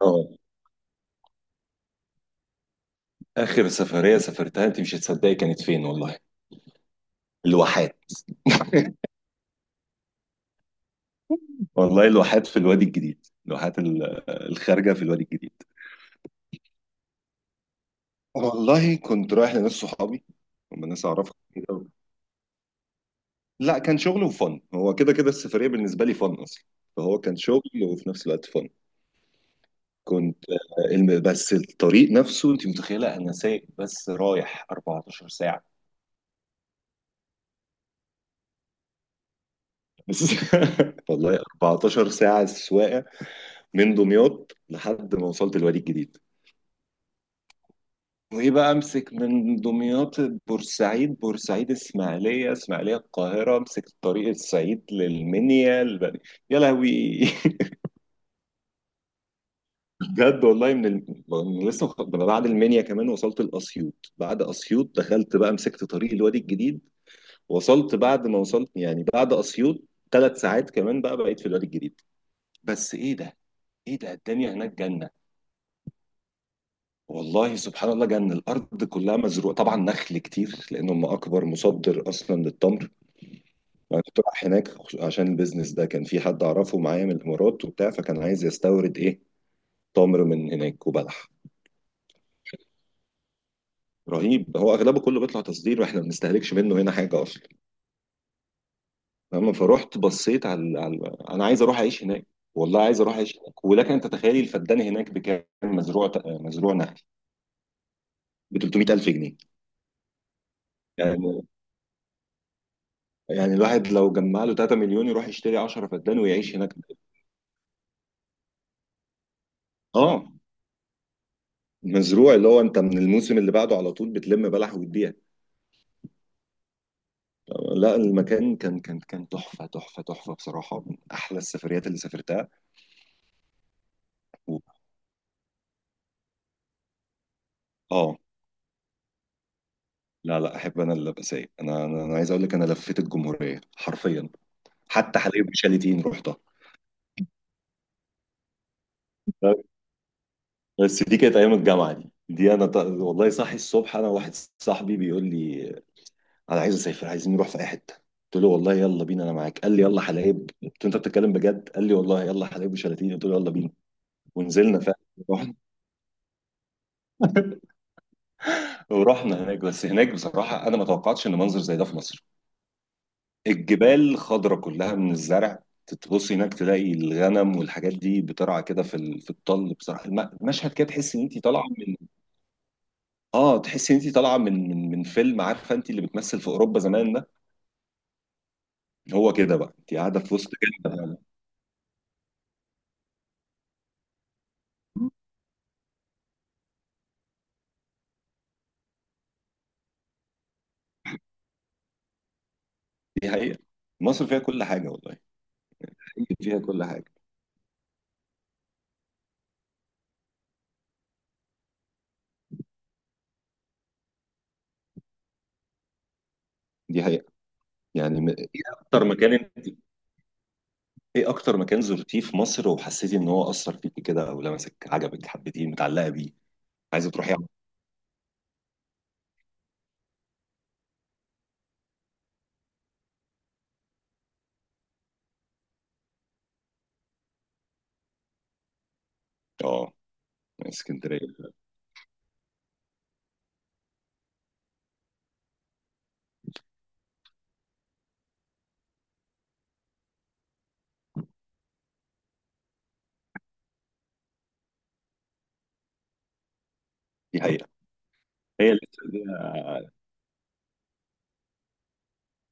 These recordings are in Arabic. اه، اخر سفريه سافرتها انت مش هتصدقي كانت فين والله. الواحات. والله الواحات في الوادي الجديد، الواحات الخارجه في الوادي الجديد. والله كنت رايح لناس صحابي، هم ناس اعرفها كده. لا كان شغل وفن، هو كده كده السفريه بالنسبه لي فن اصلا، فهو كان شغل وفي نفس الوقت فن. كنت بس الطريق نفسه انت متخيله انا سايق بس رايح 14 ساعه، بس والله 14 ساعه سواقه من دمياط لحد ما وصلت الوادي الجديد. وايه بقى، امسك من دمياط بورسعيد، بورسعيد اسماعيليه، اسماعيليه القاهره، امسك طريق الصعيد للمنيا يا لهوي. بجد والله من ال... من لسه مخ- من بعد المنيا كمان وصلت الاسيوط، بعد اسيوط دخلت بقى مسكت طريق الوادي الجديد. وصلت بعد ما وصلت يعني بعد اسيوط ثلاث ساعات كمان بقى بقيت في الوادي الجديد. بس ايه ده، ايه ده الدنيا هناك جنه. والله سبحان الله جنة الأرض، كلها مزروعة طبعا نخل كتير لأن هم أكبر مصدر أصلا للتمر. انا كنت رايح هناك عشان البيزنس ده، كان في حد اعرفه معايا من الامارات وبتاع، فكان عايز يستورد ايه، تمر من هناك وبلح. رهيب، هو اغلبه كله بيطلع تصدير واحنا ما بنستهلكش منه هنا حاجه اصلا. فاهم؟ فروحت بصيت على، انا عايز اروح اعيش هناك. والله عايز اروح اعيش هناك، ولكن انت تخيلي الفدان هناك بكام، مزروع، مزروع نخل، ب 300,000 جنيه. يعني يعني الواحد لو جمع له 3 مليون يروح يشتري 10 فدان ويعيش هناك. اه مزروع، اللي هو انت من الموسم اللي بعده على طول بتلم بلح وتبيع. لا المكان كان تحفة تحفة تحفة بصراحة، من أحلى السفريات اللي سافرتها. و... آه لا لا، أحب أنا اللي أبقى سايق، أنا عايز أقول لك أنا لفيت الجمهورية حرفيا، حتى حلايب وشاليتين رحتها. بس دي كانت أيام الجامعة، والله صاحي الصبح أنا واحد صاحبي بيقول لي أنا عايز أسافر، عايزين نروح في أي حتة. قلت له والله يلا بينا أنا معاك، قال لي يلا حلايب، قلت له أنت بتتكلم بجد، قال لي والله يلا حلايب وشاليتين، قلت له يلا بينا. ونزلنا فعلا ورحنا هناك. بس هناك بصراحة أنا ما توقعتش إن منظر زي ده في مصر. الجبال خضرة كلها من الزرع، تبص هناك تلاقي الغنم والحاجات دي بترعى كده في الطل. بصراحة المشهد كده تحس إن أنت طالعة من، آه تحس إن أنت طالعة من فيلم، عارفة أنت اللي بتمثل في أوروبا زمان ده، هو كده بقى أنت قاعدة في وسط كده. دي حقيقة، مصر فيها كل حاجة والله، فيها كل حاجة. دي حقيقة، يعني إيه أكتر مكان، ايه اكتر مكان زرتيه في مصر وحسيتي ان هو اثر فيكي كده او لمسك، عجبك، حبيتيه، متعلقه بيه؟ عايزه تروحي على- اه اسكندريه. دي حقيقه، هي الاسكندرية-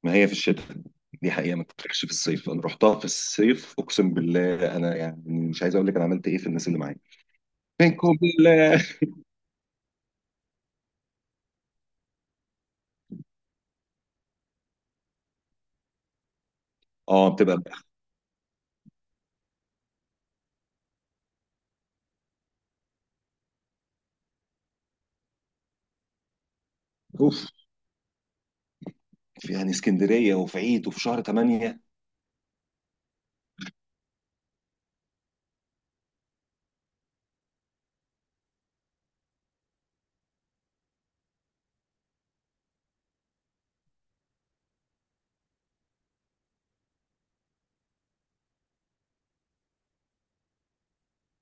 ما هي في الشتاء، دي حقيقه ما تروحش في الصيف. انا رحتها في الصيف اقسم بالله، انا يعني مش عايز اقول لك انا عملت ايه في الناس اللي معايا. منكم بالله. اه بتبقى. اوف، في يعني اسكندريه وفي عيد وفي شهر 8.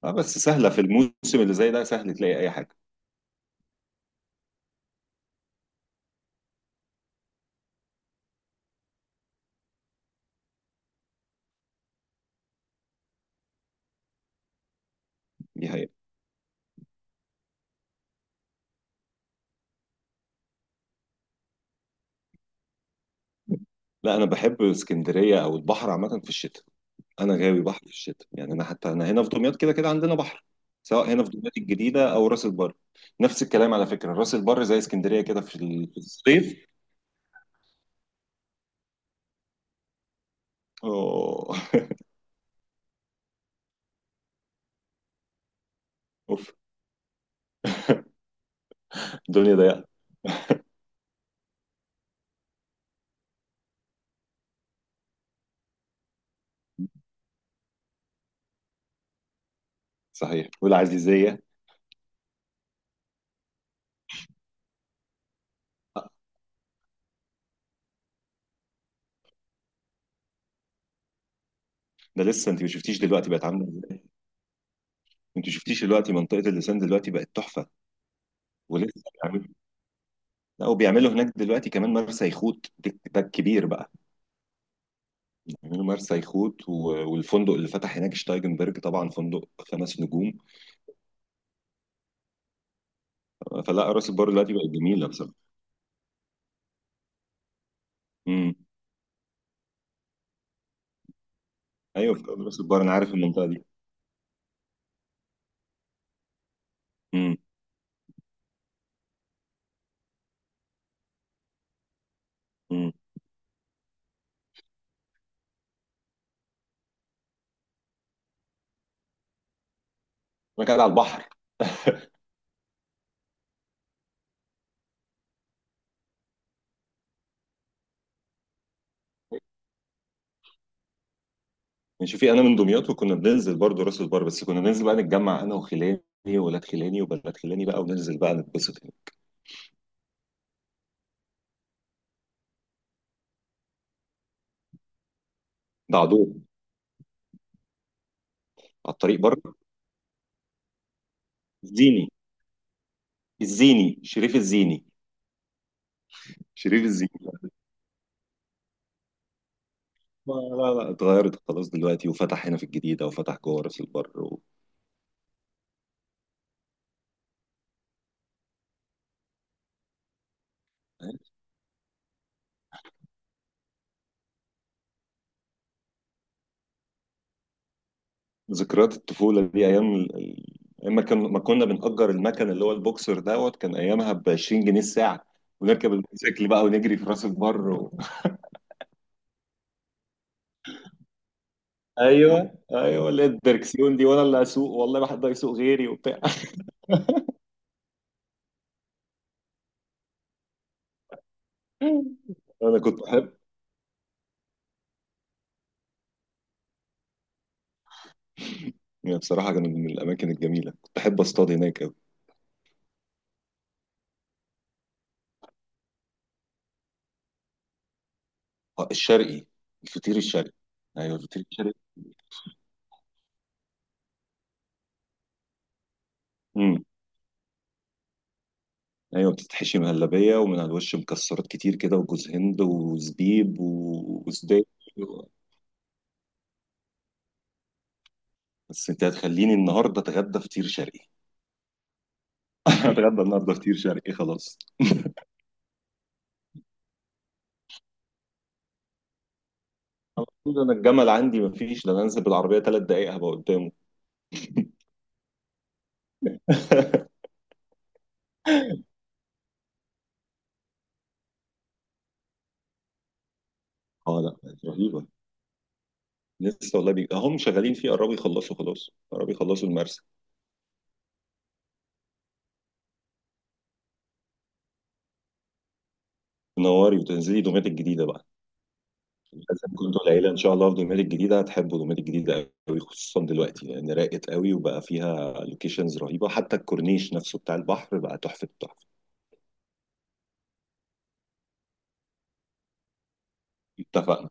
اه بس سهله في الموسم اللي زي ده، سهل تلاقي اي حاجه. دي حقيقه. لا انا بحب اسكندريه او البحر عامه في الشتاء، انا غاوي بحر في الشتاء. يعني انا حتى انا هنا في دمياط كده كده عندنا بحر، سواء هنا في دمياط الجديده او راس البر. نفس الكلام على فكره راس البر زي اسكندريه كده في الصيف. أوه. اوف، الدنيا ضيقه. صحيح، والعزيزيه. ده لسه انت ما شفتيش دلوقتي بقت عامله ازاي، انت ما شفتيش دلوقتي منطقه اللسان دلوقتي بقت تحفه، ولسه بيعملوا. لا وبيعملوا هناك دلوقتي كمان مرسى يخوت، ده الكبير بقى. بيعملوا مرسى يخوت والفندق اللي فتح هناك شتايجنبرج، طبعا فندق خمس نجوم. فلا راس البر دلوقتي بقت جميله بصراحه. امم، ايوه في راس البر انا عارف المنطقه دي. امم. امم. انا قاعد على البحر. يعني شوفي انا من دمياط وكنا بننزل برضه راس البر، بس كنا بننزل بقى نتجمع انا وخلاني وولاد خلاني وبنات خلاني بقى، وننزل بقى نتبسط هنا. ده عدو، على الطريق بره، الزيني، الزيني شريف الزيني، شريف الزيني. لا لا لا، اتغيرت خلاص دلوقتي، وفتح هنا في الجديده وفتح جوه راس البر ذكريات الطفولة دي، أيام ما كنا بنأجر المكن اللي هو البوكسر دوت، كان أيامها ب 20 جنيه الساعة، ونركب الموتوسيكل بقى ونجري في راس البر أيوه أيوه، اللي هي الدركسيون دي، وأنا اللي أسوق والله ما حد هيسوق غيري وبتاع. أنا كنت أحب، يعني بصراحة كانت من الأماكن الجميلة، كنت أحب أصطاد هناك أوي. آه، الشرقي، الفطير الشرقي. أيوه الفطير الشرقي. امم، ايوه بتتحشي مهلبيه ومن على الوش مكسرات كتير كده وجوز هند وزبيب وسديك. بس انت هتخليني النهارده اتغدى فطير شرقي، هتغدى النهارده فطير شرقي خلاص. على طول، انا الجمل عندي مفيش ده، انا انزل بالعربيه ثلاث دقائق هبقى قدامه. اه لا، رهيبه، لسه والله هم شغالين فيه، قربوا يخلصوا، خلاص قربوا يخلصوا المرسى. تنوري وتنزلي دومات الجديده بقى، لازم. كنتوا العيله ان شاء الله في دومات الجديده، هتحبوا دومات الجديده قوي خصوصا دلوقتي، لان راقت قوي وبقى فيها لوكيشنز رهيبه، حتى الكورنيش نفسه بتاع البحر بقى تحفه التحفه. اتفقنا.